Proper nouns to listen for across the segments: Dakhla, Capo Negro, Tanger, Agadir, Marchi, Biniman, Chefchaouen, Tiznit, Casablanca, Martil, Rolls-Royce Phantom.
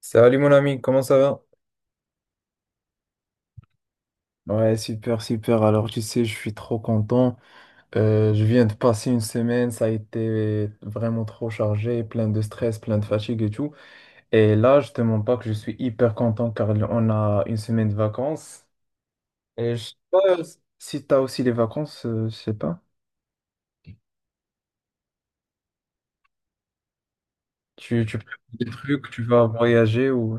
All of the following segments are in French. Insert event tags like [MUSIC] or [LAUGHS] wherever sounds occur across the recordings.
Salut mon ami, comment ça va? Ouais, super, super. Alors, tu sais, je suis trop content. Je viens de passer une semaine, ça a été vraiment trop chargé, plein de stress, plein de fatigue et tout. Et là, je te mens pas que je suis hyper content car on a une semaine de vacances. Et je sais pas si t'as aussi les vacances, je sais pas. Tu prépares des trucs, tu vas voyager ou...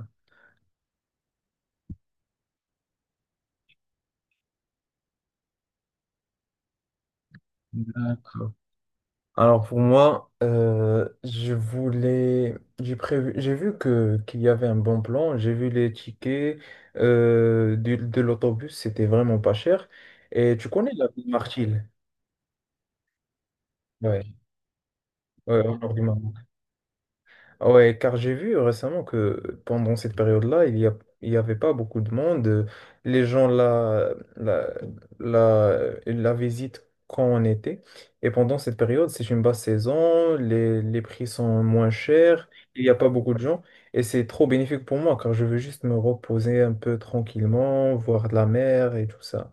D'accord. Alors pour moi, j'ai prévu, j'ai vu que qu'il y avait un bon plan. J'ai vu les tickets l'autobus, c'était vraiment pas cher. Et tu connais la ville Martil? Ouais, ouais, au nord du Maroc. Ah ouais, car j'ai vu récemment que pendant cette période-là, il y avait pas beaucoup de monde. Les gens la, la visitent quand on était. Et pendant cette période, c'est une basse saison, les prix sont moins chers, il n'y a pas beaucoup de gens. Et c'est trop bénéfique pour moi, car je veux juste me reposer un peu tranquillement, voir de la mer et tout ça.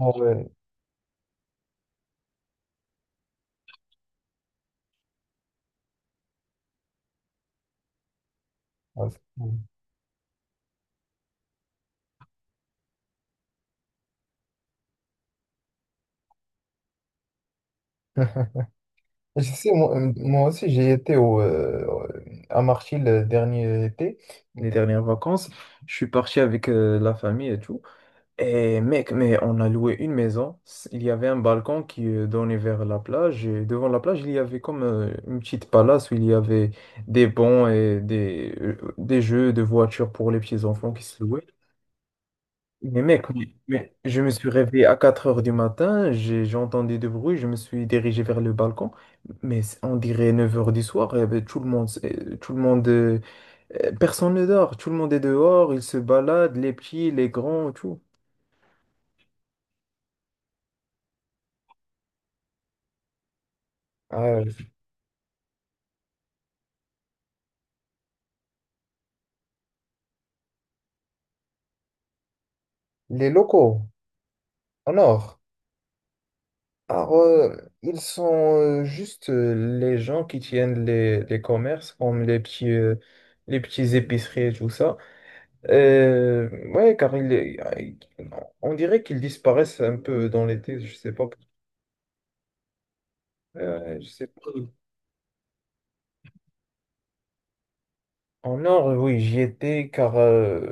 Ah ouais. Ah, c'est cool. [LAUGHS] Je sais, moi, moi aussi, j'ai été à Marchi le dernier été, les dernières vacances. Je suis parti avec la famille et tout. Et mec, mais on a loué une maison. Il y avait un balcon qui donnait vers la plage. Et devant la plage, il y avait comme une petite palace où il y avait des bancs et des jeux de voitures pour les petits enfants qui se louaient. Mais mec, mais je me suis réveillé à 4 heures du matin, j'ai entendu du bruit, je me suis dirigé vers le balcon, mais on dirait 9 heures du soir, eh ben, tout le monde, tout le monde, personne ne dort, tout le monde est dehors, ils se baladent, les petits, les grands, tout. Ah, les locaux, en or. Alors, ils sont juste les gens qui tiennent les commerces, comme les petits épiceries et tout ça. Ouais, car on dirait qu'ils disparaissent un peu dans l'été, je sais pas. Je sais pas. En Nord, oui, j'y étais car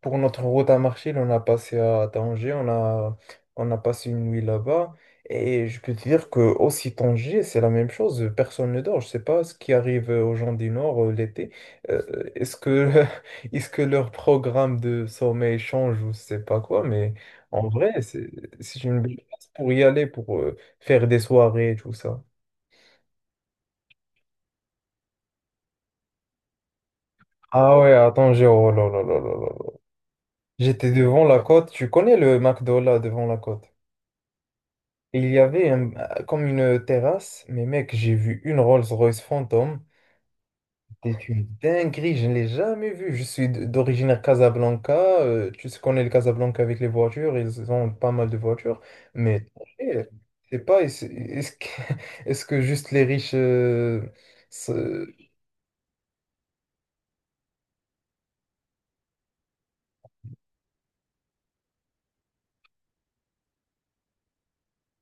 pour notre route à Marchil, on a passé à Tanger, on a passé une nuit là-bas. Et je peux te dire que aussi Tanger, c'est la même chose, personne ne dort. Je sais pas ce qui arrive aux gens du Nord l'été. Euh, est-ce que, [LAUGHS] est-ce que leur programme de sommeil change ou je sais pas quoi, mais en vrai, c'est une belle place pour y aller, pour faire des soirées et tout ça. Ah ouais, à Tanger, oh là là là là là. J'étais devant la côte, tu connais le McDo là devant la côte. Et il y avait un- Comme une terrasse, mais mec, j'ai vu une Rolls-Royce Phantom. C'est une dinguerie, je ne l'ai jamais vue. Je suis d'origine Casablanca, tu sais, connais le Casablanca avec les voitures, ils ont pas mal de voitures. Mais eh, c'est pas, [LAUGHS] est-ce que juste les riches se-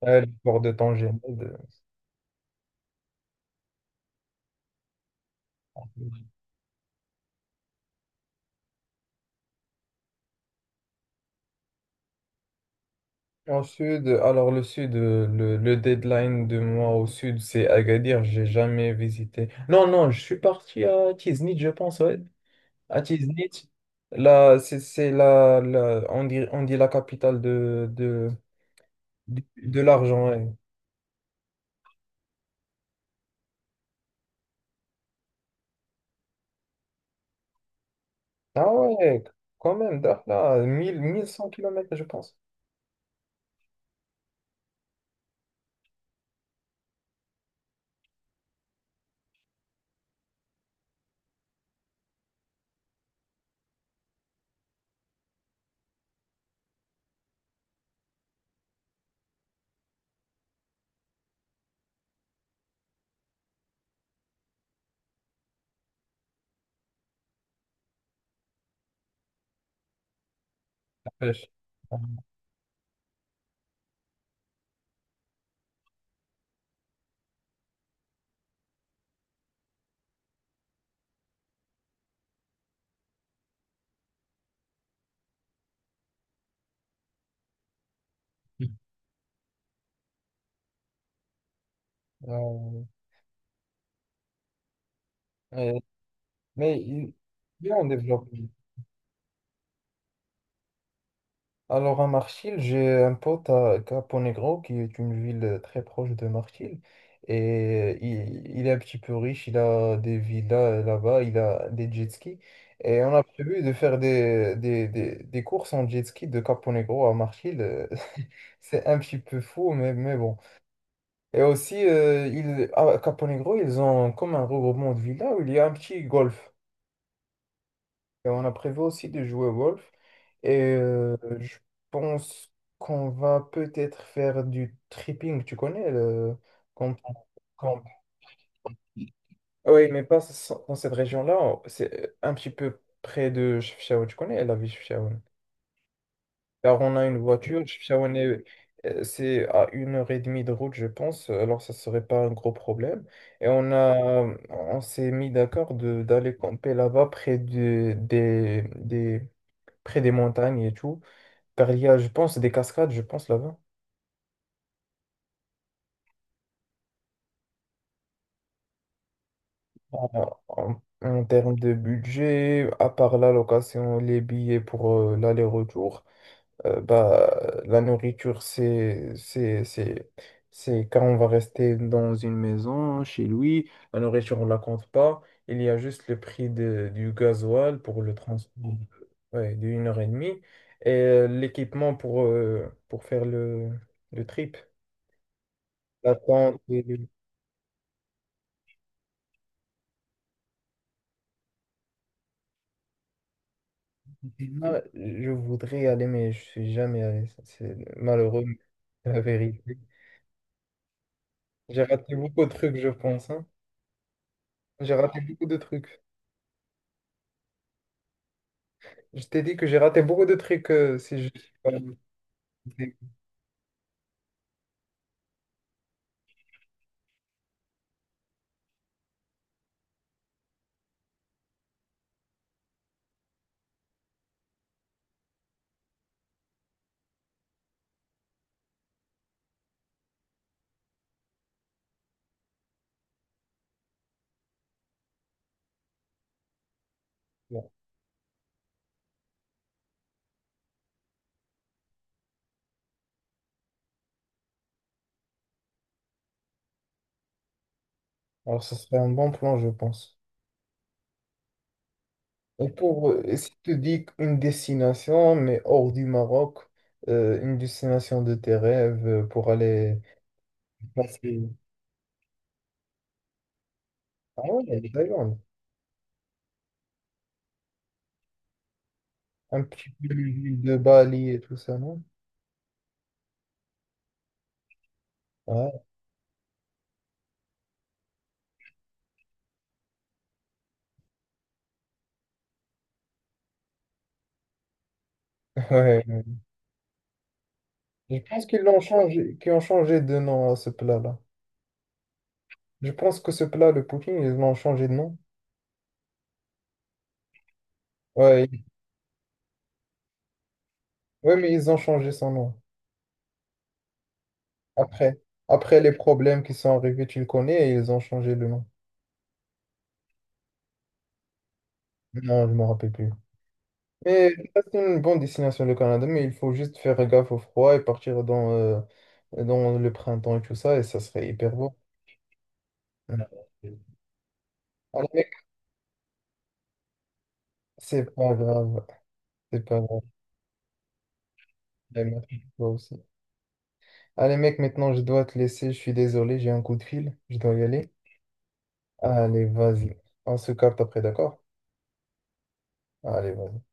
le port de Tanger? En sud, alors le sud, le deadline de moi au sud, c'est Agadir, j'ai jamais visité. Non, non, je suis parti à Tiznit, je pense, ouais. À Tiznit, là, c'est on dit, la capitale de l'argent, ouais. Ah ouais, quand même, Dakhla, mille cent kilomètres je pense. La pêche. [LAUGHS] Euh, ouais. mais ils, ils ont développé. Alors à Marchil, j'ai un pote à Capo Negro, qui est une ville très proche de Marchil. Et il est un petit peu riche, il a des villas là-bas, il a des jet skis. Et on a prévu de faire des courses en jet ski de Capo Negro à Marchil. [LAUGHS] C'est un petit peu fou, mais bon. Et aussi, à Capo Negro, ils ont comme un regroupement de villas où il y a un petit golf. Et on a prévu aussi de jouer Wolf. Et je pense qu'on va peut-être faire du tripping. Tu connais camp- camp- Ah oui, mais pas dans cette région-là. C'est un petit peu près de Chefchaouen. Tu connais la ville de Chefchaouen? Car on a une voiture. C'est à 1 h 30 de route, je pense. Alors, ça serait pas un gros problème. Et on s'est mis d'accord de d'aller camper là-bas près des montagnes et tout. Car il y a, je pense, des cascades, je pense, là-bas. Alors, En termes de budget, à part la location, les billets pour l'aller-retour, bah, la nourriture, c'est quand on va rester dans une maison, chez lui. La nourriture, on ne la compte pas. Il y a juste le prix du gasoil pour le transport ouais, de 1 heure et demie et l'équipement pour faire le trip. La tente, Ah, je voudrais y aller, mais je suis jamais allé. Ça, c'est malheureux, mais c'est la vérité. J'ai raté beaucoup de trucs, je pense, hein. J'ai raté beaucoup de trucs. Je t'ai dit que j'ai raté beaucoup de trucs si je suis pas allé. Bon. Alors, ce serait un bon plan, je pense. Et pour, si tu dis une destination, mais hors du Maroc, une destination de tes rêves pour aller passer. Ah ouais, il y a des Thaïlandes. Un petit peu l'île de Bali et tout ça, non? Ouais, [LAUGHS] ouais. Ouais. Je pense qu'ils l'ont changé, qu'ils ont changé de nom à ce plat-là. Je pense que ce plat, le poutine, ils l'ont changé de nom. Ouais, ouais, mais ils ont changé son nom. Après, après les problèmes qui sont arrivés, tu le connais, et ils ont changé le nom. Non, je me rappelle plus. Mais ça, c'est une bonne destination, le Canada, mais il faut juste faire gaffe au froid et partir dans le printemps et tout ça, et ça serait hyper beau. Ouais. Allez, mec, c'est pas grave. C'est pas grave. Allez, merci, toi aussi. Allez, mec, maintenant, je dois te laisser. Je suis désolé, j'ai un coup de fil. Je dois y aller. Allez, vas-y. On se capte après, d'accord? Allez, vas-y.